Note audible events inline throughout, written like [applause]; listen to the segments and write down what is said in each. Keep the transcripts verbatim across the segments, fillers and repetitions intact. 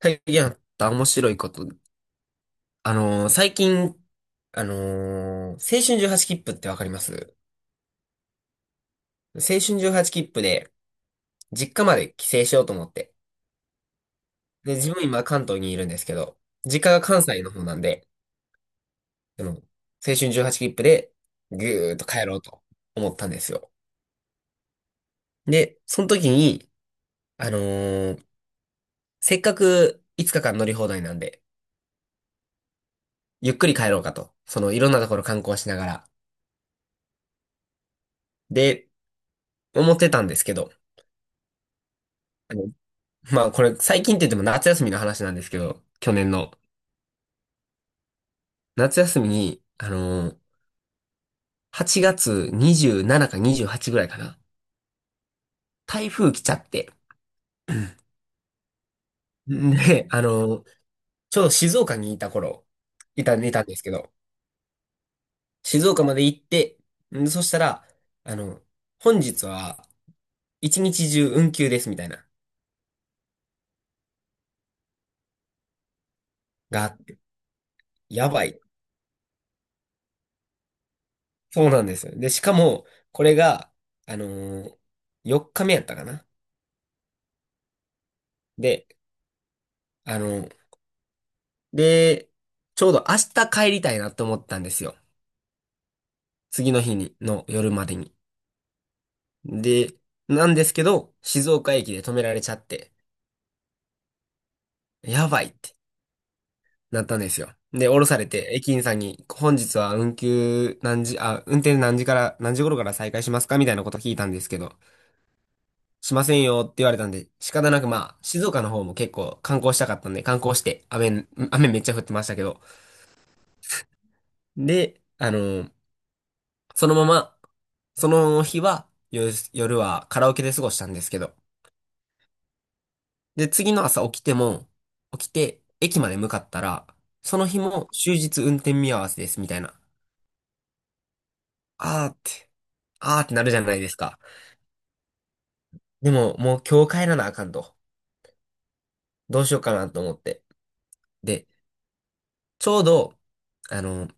最近あった面白いこと。あのー最近、あのー青春じゅうはち切符ってわかります？青春じゅうはち切符で、実家まで帰省しようと思って。で、自分今関東にいるんですけど、実家が関西の方なんで、での青春じゅうはち切符で、ぐーっと帰ろうと思ったんですよ。で、その時に、あのーせっかくいつかかん乗り放題なんで、ゆっくり帰ろうかと。その、いろんなところ観光しながら。で、思ってたんですけど、まあこれ最近って言っても夏休みの話なんですけど、去年の。夏休みに、あのーはちがつにじゅうしちかにじゅうはちぐらいかな。台風来ちゃって。んで、あのーちょうど静岡にいた頃、いた、いたんですけど、静岡まで行って、んそしたら、あの、本日は一日中運休ですみたいな、があって、やばい。そうなんですよ。で、しかも、これが、あのー、よっかめやったかな。で、あので、ちょうど明日帰りたいなって思ったんですよ。次の日に、の夜までに。で、なんですけど、静岡駅で止められちゃって、やばいってなったんですよ。で、降ろされて、駅員さんに、本日は運休何時、あ、運転何時から、何時頃から再開しますかみたいなこと聞いたんですけど、しませんよって言われたんで、仕方なくまあ、静岡の方も結構観光したかったんで、観光して、雨、雨めっちゃ降ってましたけど、で、あの、そのまま、その日は、夜、夜はカラオケで過ごしたんですけど。で、次の朝起きても、起きて、駅まで向かったら、その日も終日運転見合わせですみたいな。あーって、あーってなるじゃないですか。でも、もう今日帰らなあかんと。どうしようかなと思って。で、ちょうど、あの、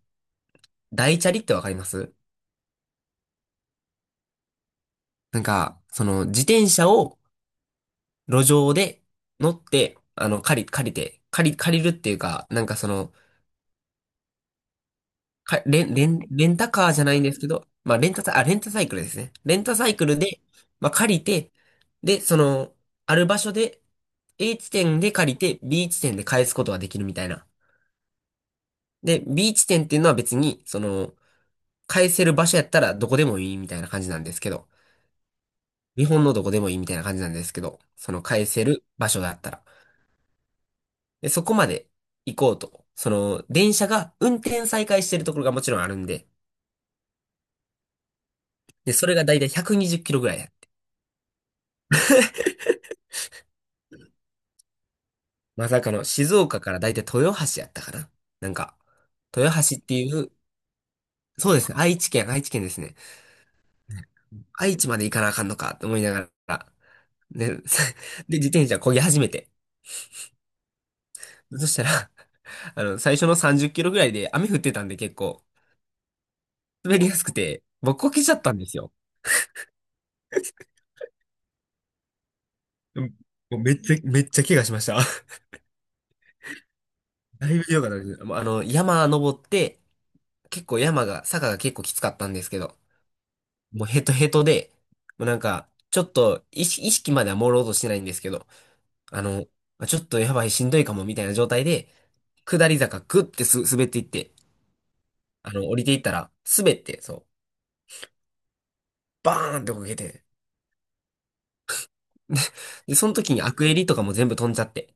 大チャリってわかります？なんか、その、自転車を路上で乗って、あの、借り、借りて、借り、借りるっていうか、なんかその、か、レン、レン、レンタカーじゃないんですけど、まあ、レンタサイ、あ、レンタサイクルですね。レンタサイクルで、まあ、借りて、で、その、ある場所で、A 地点で借りて、B 地点で返すことができるみたいな。で、B 地点っていうのは別に、その、返せる場所やったらどこでもいいみたいな感じなんですけど、日本のどこでもいいみたいな感じなんですけど、その返せる場所だったら。で、そこまで行こうと。その、電車が運転再開してるところがもちろんあるんで、で、それがだいたいひゃくにじゅっキロぐらい。まさかの静岡からだいたい豊橋やったかな。なんか、豊橋っていう、そうですね、愛知県、愛知県ですね。愛知まで行かなあかんのかと思いながら、で、[laughs] で、自転車漕ぎ始めて。そしたら、あの、最初のさんじゅっキロぐらいで雨降ってたんで結構、滑りやすくて、僕こけちゃったんですよ。[laughs] うんもうめっちゃ、めっちゃ怪我しました。[laughs] だいぶ良かったです。もうあの、山登って、結構山が、坂が結構きつかったんですけど、もうヘトヘトで、もうなんか、ちょっと意識、意識までは朦朧としてないんですけど、あの、あちょっとやばいしんどいかもみたいな状態で、下り坂グッてす滑っていって、あの、降りていったら、滑って、そう、バーンってこけて、[laughs] で、でその時にアクエリとかも全部飛んじゃって、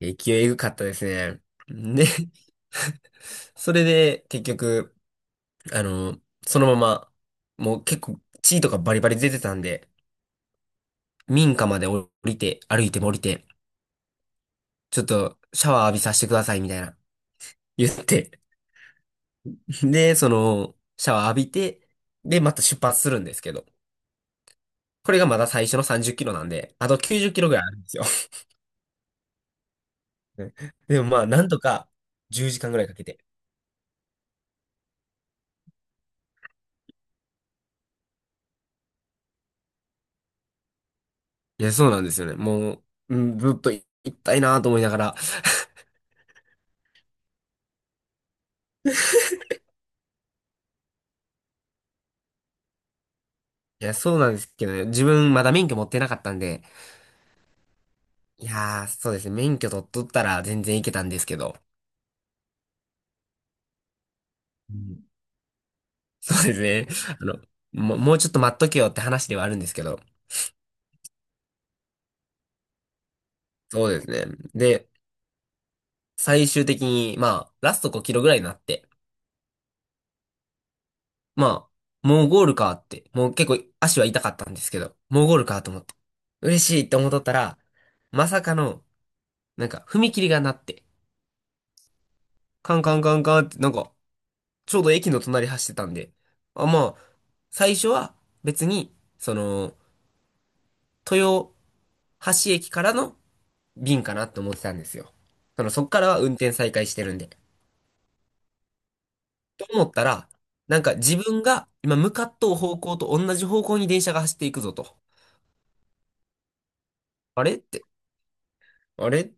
勢いエグかったですね。で、それで結局、あの、そのまま、もう結構血とかバリバリ出てたんで、民家まで降りて、歩いても降りて、ちょっとシャワー浴びさせてくださいみたいな。言って。[laughs] で、その、シャワー浴びて、で、また出発するんですけど。これがまだ最初のさんじゅっキロなんで、あときゅうじゅっキロぐらいあるんですよ。[laughs] でもまあ、なんとかじゅうじかんぐらいかけて。いや、そうなんですよね。もう、うん、ずっと行きたいなと思いながら。いや、そうなんですけどね。自分まだ免許持ってなかったんで、いやー、そうですね。免許取っとったら全然行けたんですけど。うん [laughs] そうですね。あの、も、もうちょっと待っとけよって話ではあるんですけど。そうですね。で、最終的に、まあ、ラストごキロぐらいになって、まあ、もうゴールかって、もう結構足は痛かったんですけど、もうゴールかと思って、嬉しいって思っとったら、まさかの、なんか、踏切がなって、カンカンカンカンって、なんか、ちょうど駅の隣走ってたんで、あ、まあ、最初は別に、その、豊橋駅からの便かなって思ってたんですよ。その、そっからは運転再開してるんで。と思ったら、なんか自分が今向かっとう方向と同じ方向に電車が走っていくぞと。あれって、あれ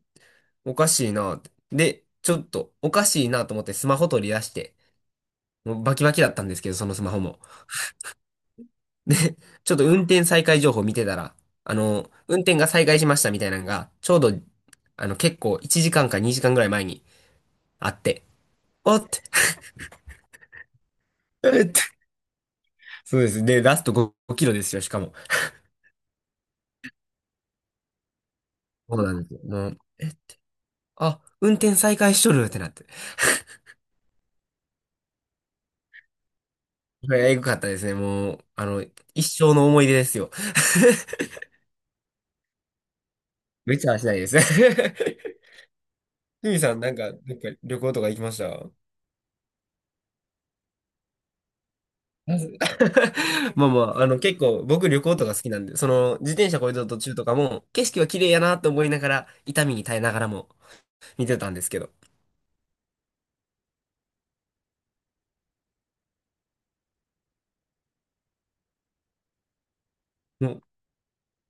おかしいなって。で、ちょっとおかしいなと思ってスマホ取り出して、もうバキバキだったんですけど、そのスマホも。で、ちょっと運転再開情報見てたら、あの、運転が再開しましたみたいなのが、ちょうど、あの、結構いちじかんかにじかんぐらい前にあって、おって、えってそうです。で、ラストごキロですよ、しかも。そうなんですよ。もう、え、あ、運転再開しとるってなって。えぐかったですね。もう、あの、一生の思い出ですよ。[laughs] めっちゃはしないです。[laughs] ふみさん、なんか、なんか旅行とか行きました？まず [laughs] まあまあ、あの、結構、僕旅行とか好きなんで、その、自転車こいでる途中とかも、景色は綺麗やなと思いながら、痛みに耐えながらも見てたんですけど。もう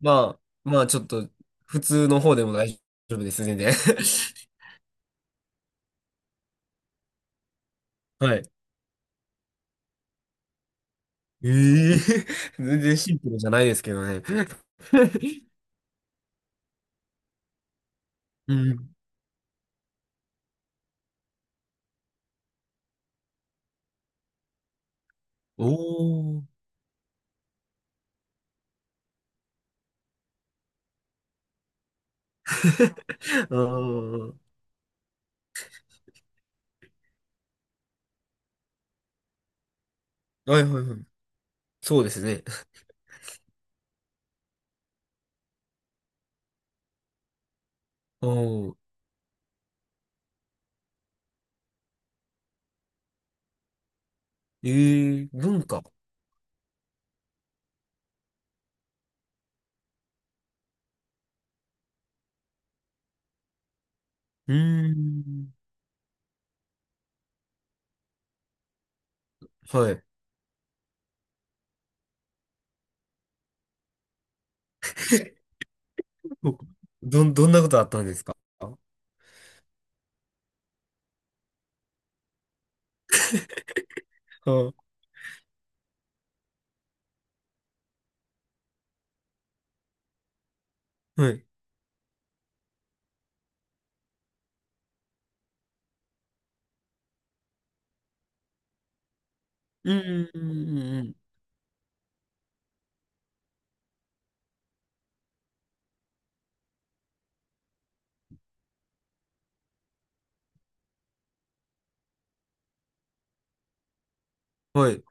まあ、まあ、ちょっと、普通の方でも大丈夫です、全然。[laughs] はい。ええ [laughs] 全然シンプルじゃないですけどね。[laughs] うん。おー。ああ、はいはいはい。そうですね。ああ、ええ文化。うーん。はい。どん、どんなことあったんですかあ？はい。うん、うん、うん、うん。はい。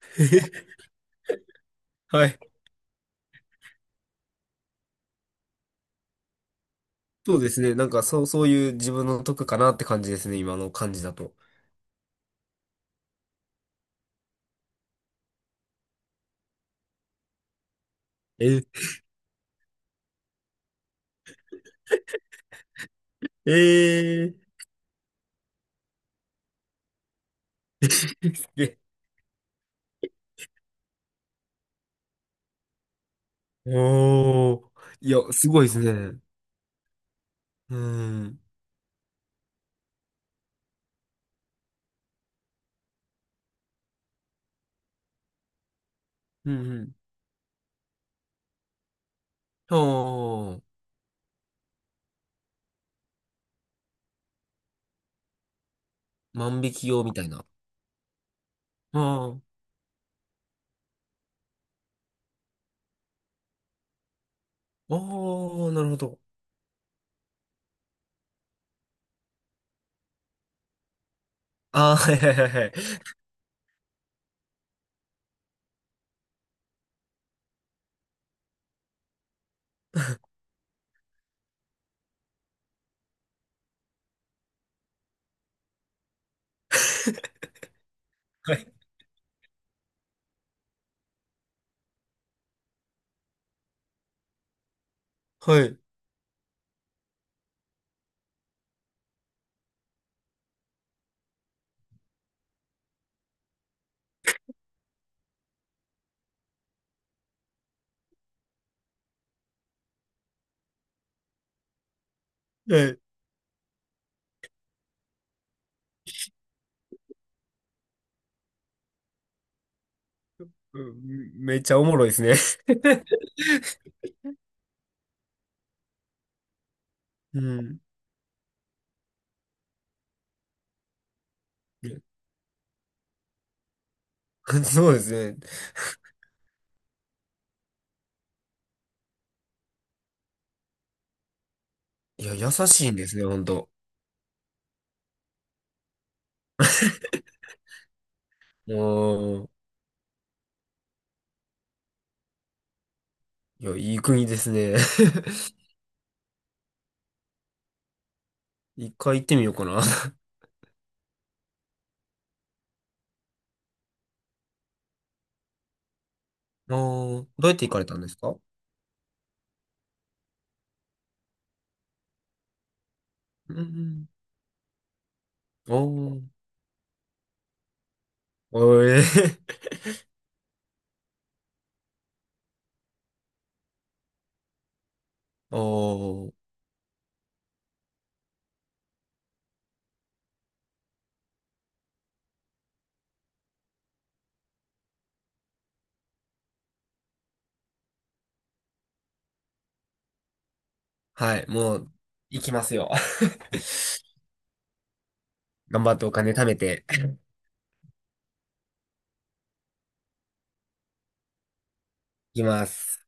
[laughs] えへへはい。そうですね。なんか、そう、そういう自分の得かなって感じですね。今の感じだと。え、えー [laughs] えおー。いや、すごいですね。うん。うん、うん。ああ、万引き用みたいな。ああ。おー、なるほど。あー、はいはいはいはい。はい。はい。はい。うんめっちゃおもろいですね。[laughs] うん。[laughs] そうですね。いや、優しいんですね、ほんと。おー。いや、いい国ですね。[laughs] いっかい行ってみようかな。おー。どうやって行かれたんですか？うんうん。おー。おーえー。[laughs] おー。はい、もう、行きますよ。[laughs] 頑張ってお金貯めて、行きます。